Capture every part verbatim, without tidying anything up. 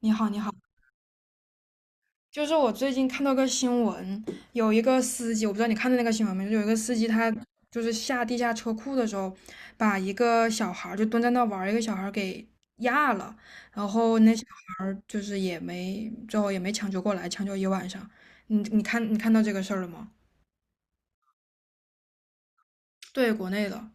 你好，你好，就是我最近看到个新闻，有一个司机，我不知道你看到那个新闻没，就有一个司机他就是下地下车库的时候，把一个小孩儿就蹲在那玩儿，一个小孩儿给压了，然后那小孩儿就是也没最后也没抢救过来，抢救一晚上。你你看你看到这个事儿了吗？对，国内的。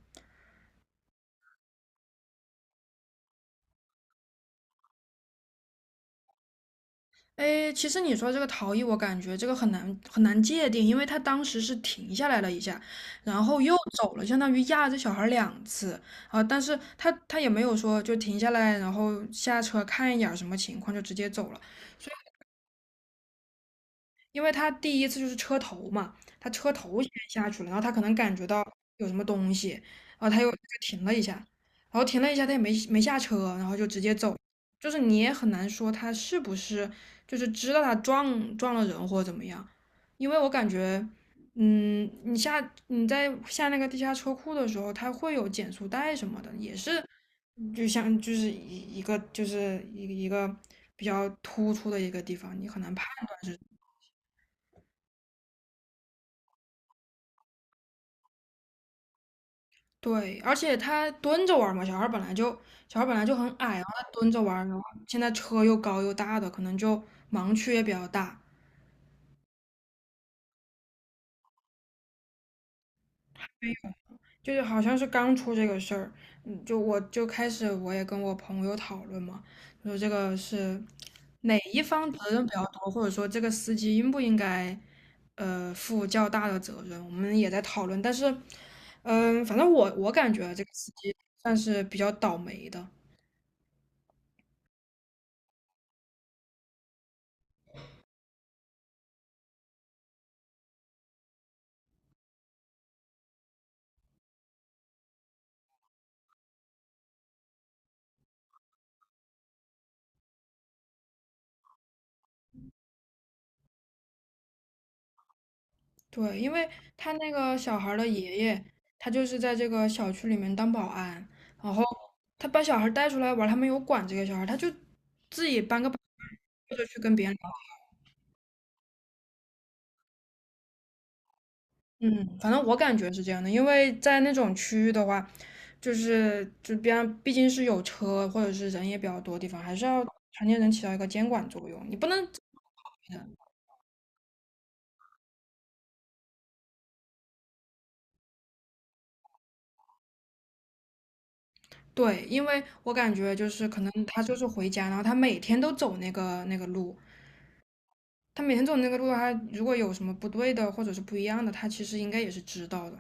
哎，其实你说这个逃逸，我感觉这个很难很难界定，因为他当时是停下来了一下，然后又走了，相当于压着小孩儿两次啊。但是他他也没有说就停下来，然后下车看一眼儿什么情况就直接走了。因为他第一次就是车头嘛，他车头先下去了，然后他可能感觉到有什么东西，然后他又就停了一下，然后停了一下，他也没没下车，然后就直接走，就是你也很难说他是不是就是知道他撞撞了人或者怎么样，因为我感觉，嗯，你下你在下那个地下车库的时候，它会有减速带什么的，也是就像就是一一个就是一个一个比较突出的一个地方，你很难判。对，而且他蹲着玩儿嘛，小孩儿本来就小孩儿本来就很矮啊，然后他蹲着玩儿，然后现在车又高又大的，可能就盲区也比较大。就是好像是刚出这个事儿，嗯，就我就开始我也跟我朋友讨论嘛，说这个是哪一方责任比较多，或者说这个司机应不应该呃负较大的责任，我们也在讨论。但是，嗯、反正我我感觉这个司机算是比较倒霉的。对，因为他那个小孩儿的爷爷，他就是在这个小区里面当保安，然后他把小孩儿带出来玩儿他没有管这个小孩儿他就自己搬个板凳就去跟别人聊。嗯，反正我感觉是这样的，因为在那种区域的话，就是就边上毕竟是有车或者是人也比较多的地方，还是要成年人起到一个监管作用，你不能。对，因为我感觉就是可能他就是回家，然后他每天都走那个那个路，他每天走那个路的话，他如果有什么不对的或者是不一样的，他其实应该也是知道的。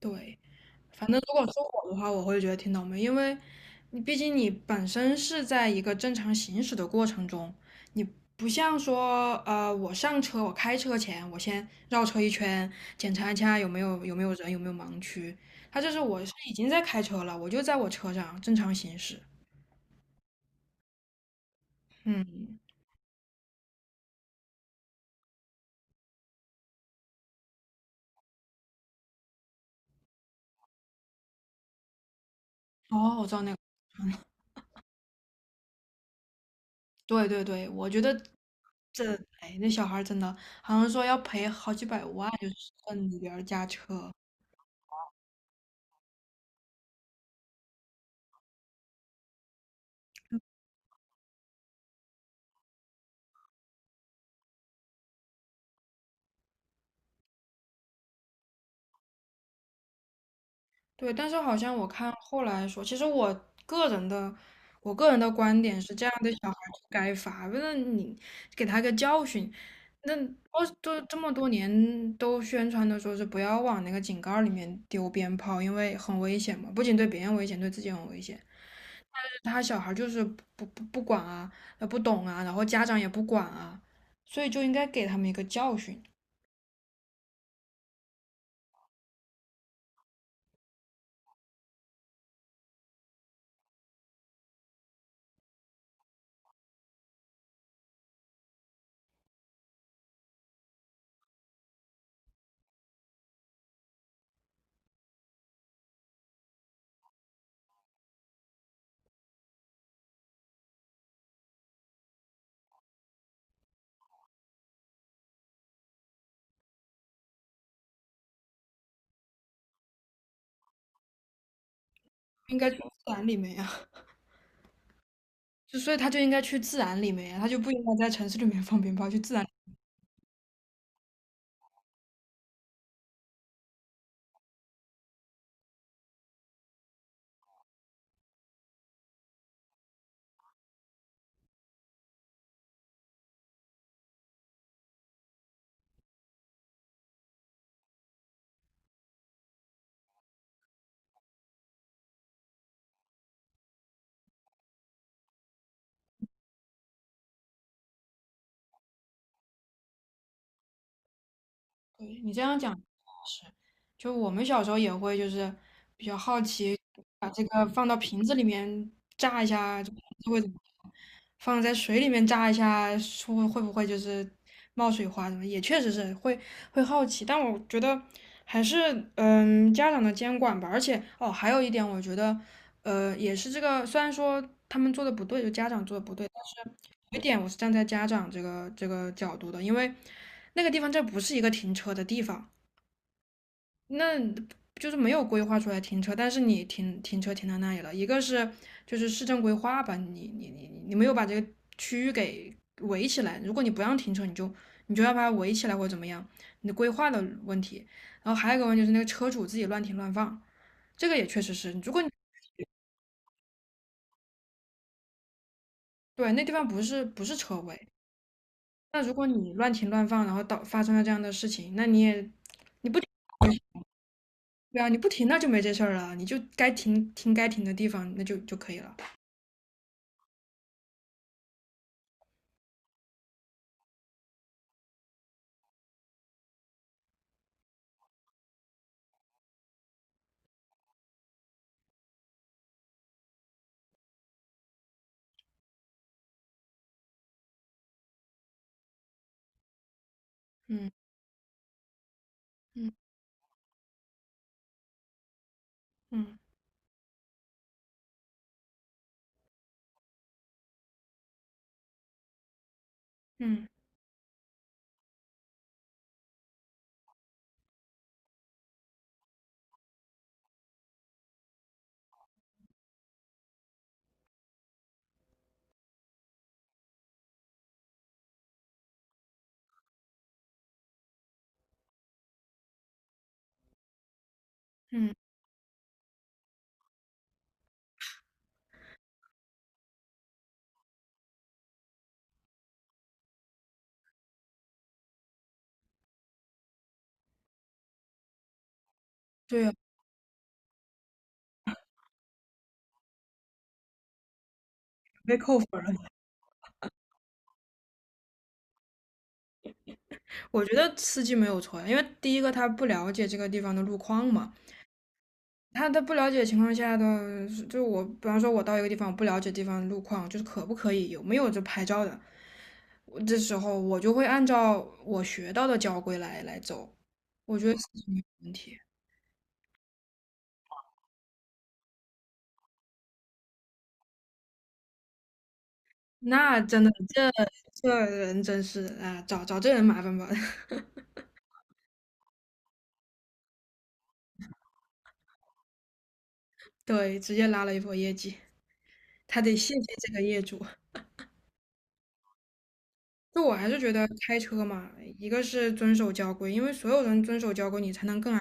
对，反正如果是我的话，我会觉得挺倒霉，因为你毕竟你本身是在一个正常行驶的过程中，不像说呃我上车我开车前我先绕车一圈，检查一下有没有有没有人有没有盲区，他这是我是已经在开车了，我就在我车上正常行驶。嗯，哦，我知道那个。对对对，我觉得这，哎，那小孩儿真的好像说要赔好几百万，就是算里边儿加车。对，但是好像我看后来说，其实我个人的，我个人的观点是，这样的小孩儿就该罚，为了你给他个教训。那我都这么多年都宣传的说是不要往那个井盖儿里面丢鞭炮，因为很危险嘛，不仅对别人危险，对自己很危险。他小孩就是不不不管啊，呃不懂啊，然后家长也不管啊，所以就应该给他们一个教训，应该去自然里面呀、就所以他就应该去自然里面呀、他就不应该在城市里面放鞭炮，去自然。对，你这样讲是，就我们小时候也会就是比较好奇，把这个放到瓶子里面炸一下，就瓶子会怎么样放在水里面炸一下，会会不会就是冒水花什么？也确实是会会好奇，但我觉得还是嗯家长的监管吧。而且哦，还有一点，我觉得呃也是这个，虽然说他们做的不对，就家长做的不对。有一点我是站在家长这个这个角度的，因为那个地方这不是一个停车的地方，那就是没有规划出来停车，但是你停停车停到那里了，一个是就是市政规划吧，你你你你没有把这个区域给围起来，如果你不让停车，你就你就要把它围起来或者怎么样，你的规划的问题，然后还有一个问题就是那个车主自己乱停乱放，这个也确实是，如果你对那地方不是不是车位。那如果你乱停乱放，然后到发生了这样的事情，那你也对啊，你不停那就没这事儿了，你就该停停该停的地方，那就就可以了。嗯嗯嗯嗯嗯，对啊，被扣分了。我觉得司机没有错呀因为第一个他不了解这个地方的路况嘛，他他不了解情况下的，就我比方说我到一个地方，我不了解地方路况，就是可不可以有没有这拍照的，我这时候我就会按照我学到的交规来来走，我觉得司机没有问题。那真的，这这人真是啊，找找这人麻烦吧。对，直接拉了一波业绩，他得谢谢这个业主。就我还是觉得开车嘛，一个是遵守交规，因为所有人遵守交规，你才能更安。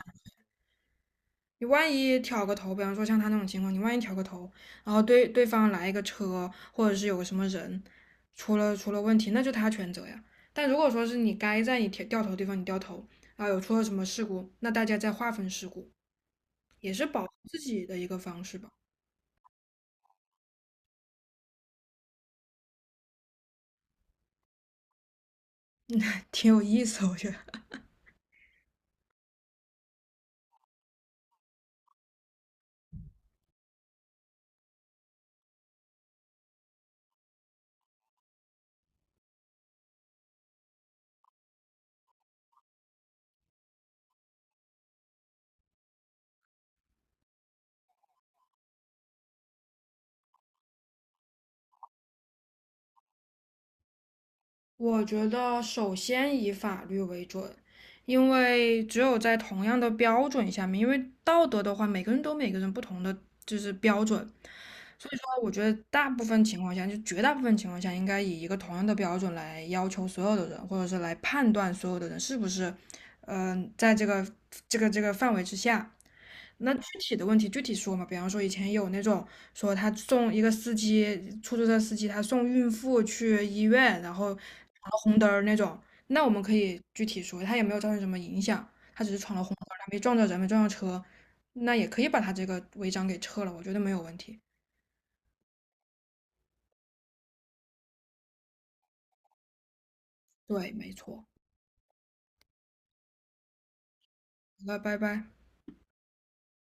你万一挑个头，比方说像他那种情况，你万一挑个头，然后对对方来一个车，或者是有个什么人出了出了问题，那就他全责呀。但如果说是你该在你调掉头的地方你掉头，然后有出了什么事故，那大家再划分事故，也是保护自己的一个方式吧，挺有意思，我觉得。我觉得首先以法律为准，因为只有在同样的标准下面，因为道德的话，每个人都有每个人不同的就是标准，所以说我觉得大部分情况下，就绝大部分情况下，应该以一个同样的标准来要求所有的人，或者是来判断所有的人是不是，嗯、在这个这个这个范围之下。那具体的问题具体说嘛，比方说以前有那种说他送一个司机，出租车司机他送孕妇去医院，然后闯了红灯儿那种，那我们可以具体说，他也没有造成什么影响，他只是闯了红灯儿他没撞着人，没撞着车，那也可以把他这个违章给撤了，我觉得没有问题。对，没错。好了，拜拜。